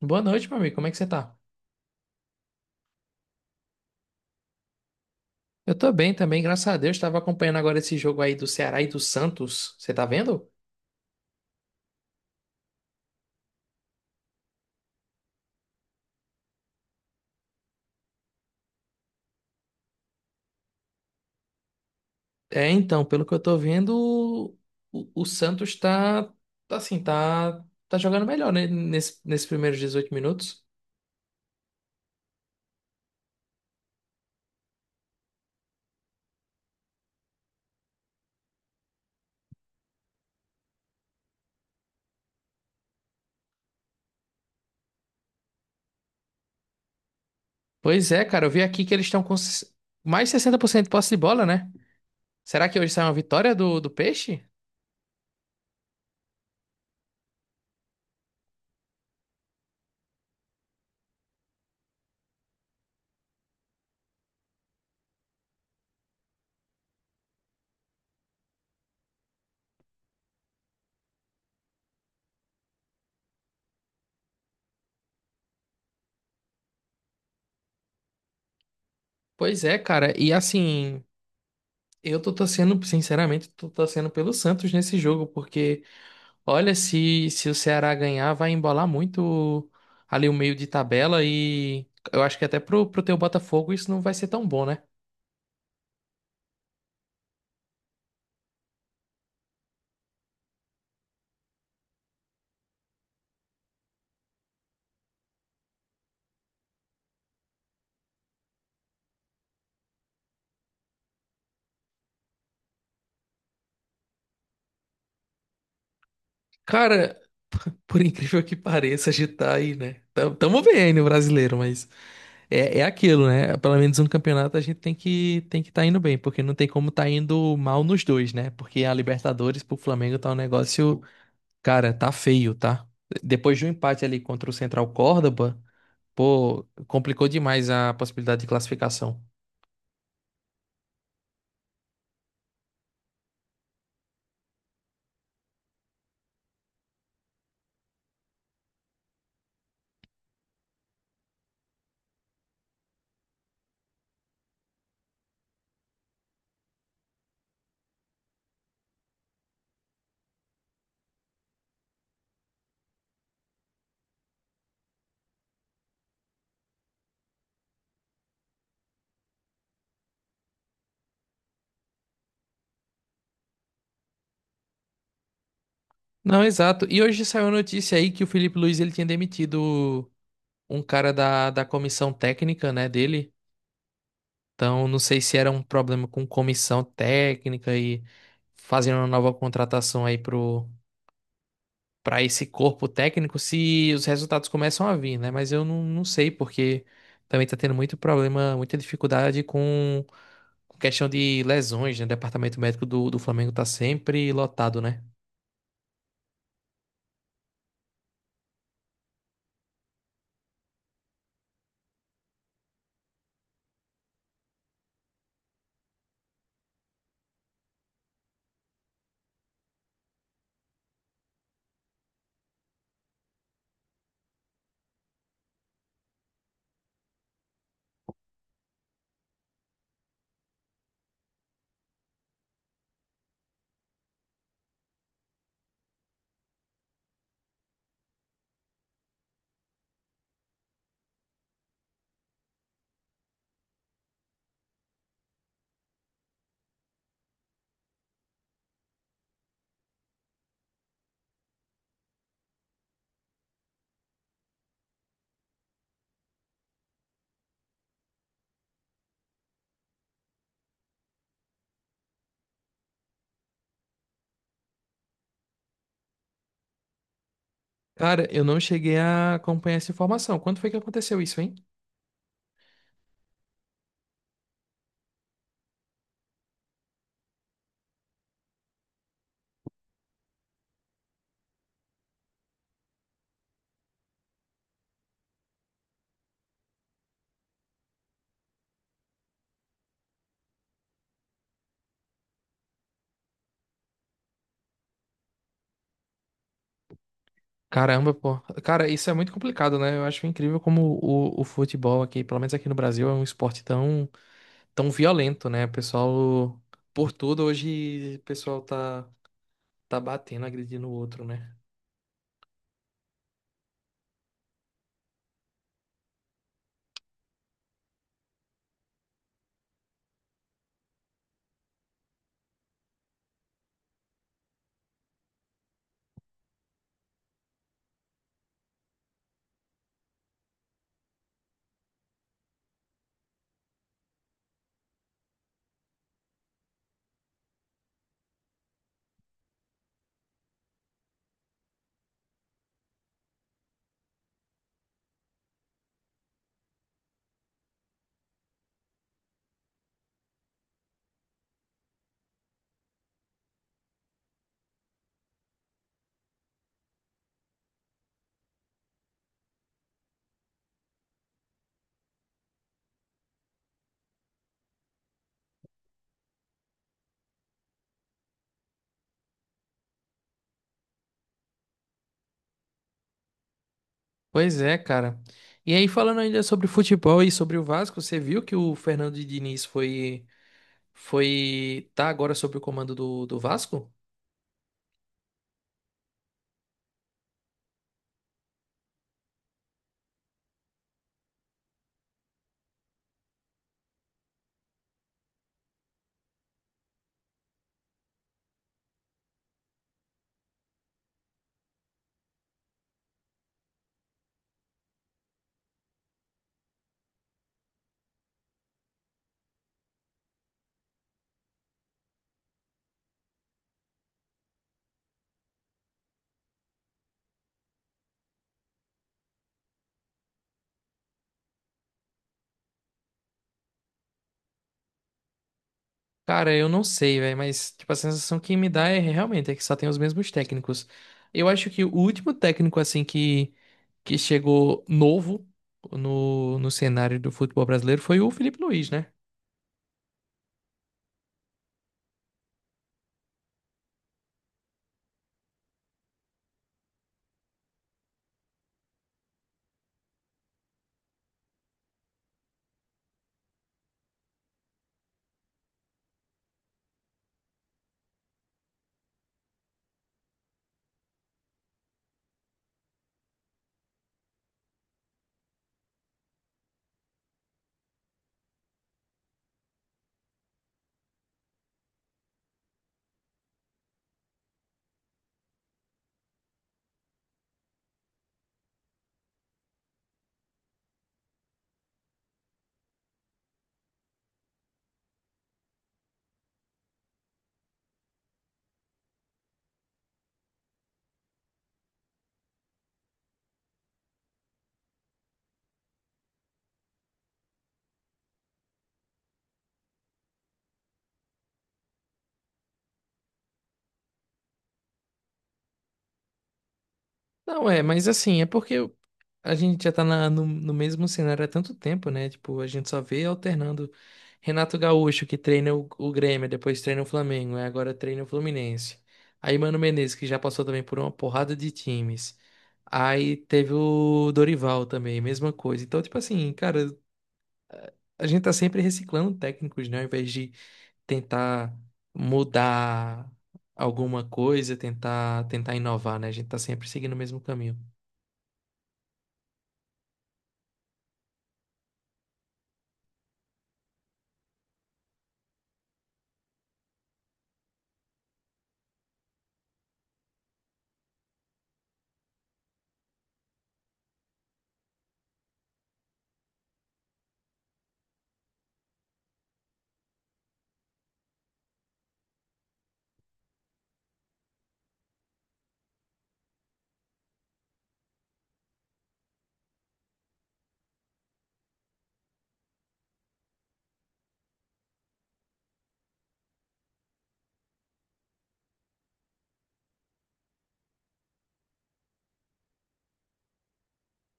Boa noite, meu amigo. Como é que você tá? Eu tô bem também, graças a Deus. Tava acompanhando agora esse jogo aí do Ceará e do Santos. Você tá vendo? É, então, pelo que eu tô vendo, o Santos tá assim, tá jogando melhor, né? Nesses primeiros 18 minutos. Pois é, cara, eu vi aqui que eles estão com mais 60% de posse de bola, né? Será que hoje sai uma vitória do Peixe? Pois é, cara. E assim, eu tô torcendo, sinceramente, tô torcendo pelo Santos nesse jogo, porque. Olha, se o Ceará ganhar, vai embolar muito ali o meio de tabela e eu acho que até pro teu Botafogo isso não vai ser tão bom, né? Cara, por incrível que pareça, a gente tá aí, né? Tamo bem aí no brasileiro, mas é aquilo, né? Pelo menos um campeonato a gente tem que tá indo bem, porque não tem como tá indo mal nos dois, né? Porque a Libertadores pro Flamengo tá um negócio, cara, tá feio, tá? Depois de um empate ali contra o Central Córdoba, pô, complicou demais a possibilidade de classificação. Não, exato. E hoje saiu a notícia aí que o Felipe Luiz ele tinha demitido um cara da comissão técnica, né, dele. Então, não sei se era um problema com comissão técnica e fazendo uma nova contratação aí pro para esse corpo técnico, se os resultados começam a vir, né? Mas eu não sei porque também tá tendo muito problema, muita dificuldade com questão de lesões, né? O departamento médico do Flamengo tá sempre lotado, né? Cara, eu não cheguei a acompanhar essa informação. Quando foi que aconteceu isso, hein? Caramba, pô. Cara, isso é muito complicado, né? Eu acho incrível como o futebol aqui, pelo menos aqui no Brasil, é um esporte tão, tão violento, né? O pessoal, por tudo, hoje o pessoal tá batendo, agredindo o outro, né? Pois é, cara. E aí, falando ainda sobre futebol e sobre o Vasco, você viu que o Fernando Diniz tá agora sob o comando do Vasco? Cara, eu não sei, velho, mas tipo, a sensação que me dá é realmente é que só tem os mesmos técnicos. Eu acho que o último técnico, assim, que chegou novo no cenário do futebol brasileiro foi o Felipe Luiz, né? Não, é, mas assim, é porque a gente já tá no mesmo cenário há tanto tempo, né? Tipo, a gente só vê alternando Renato Gaúcho, que treina o Grêmio, depois treina o Flamengo, aí agora treina o Fluminense. Aí Mano Menezes, que já passou também por uma porrada de times. Aí teve o Dorival também, mesma coisa. Então, tipo assim, cara, a gente tá sempre reciclando técnicos, né? Ao invés de tentar mudar alguma coisa, tentar inovar, né? A gente tá sempre seguindo o mesmo caminho.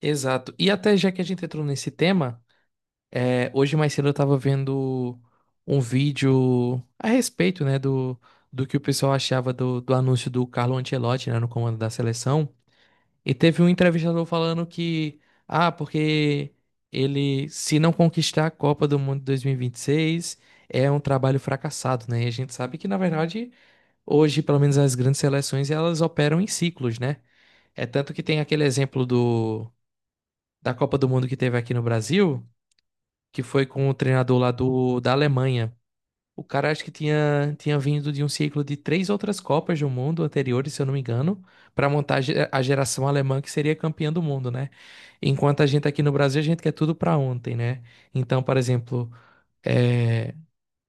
Exato. E até já que a gente entrou nesse tema, é, hoje mais cedo eu tava vendo um vídeo a respeito, né, do que o pessoal achava do anúncio do Carlo Ancelotti, né, no comando da seleção. E teve um entrevistador falando que, ah, porque ele, se não conquistar a Copa do Mundo 2026, é um trabalho fracassado, né? E a gente sabe que, na verdade, hoje, pelo menos as grandes seleções, elas operam em ciclos, né? É tanto que tem aquele exemplo da Copa do Mundo que teve aqui no Brasil, que foi com o treinador lá da Alemanha. O cara acho que tinha vindo de um ciclo de três outras Copas do Mundo anteriores, se eu não me engano, para montar a geração alemã que seria campeã do mundo, né? Enquanto a gente aqui no Brasil, a gente quer tudo para ontem, né? Então, por exemplo, é,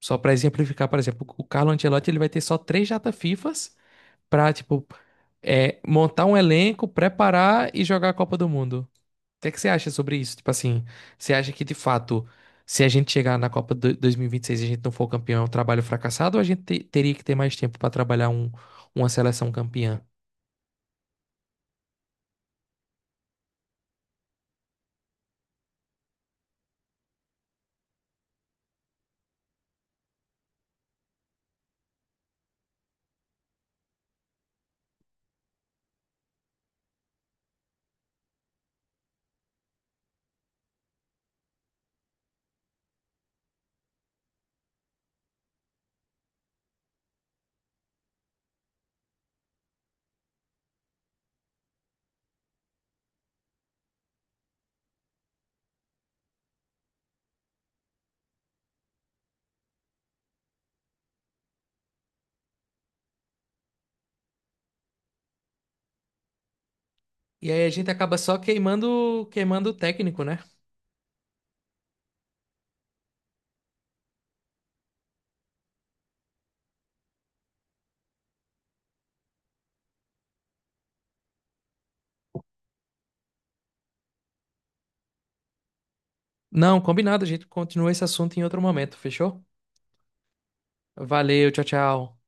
só para exemplificar, por exemplo, o Carlo Ancelotti ele vai ter só três data FIFAs para, tipo, é, montar um elenco, preparar e jogar a Copa do Mundo. O que é que você acha sobre isso? Tipo assim, você acha que de fato, se a gente chegar na Copa 2026 e vinte e seis e a gente não for campeão, é um trabalho fracassado ou a gente teria que ter mais tempo pra trabalhar uma seleção campeã? E aí a gente acaba só queimando o técnico, né? Não, combinado, a gente continua esse assunto em outro momento, fechou? Valeu, tchau, tchau.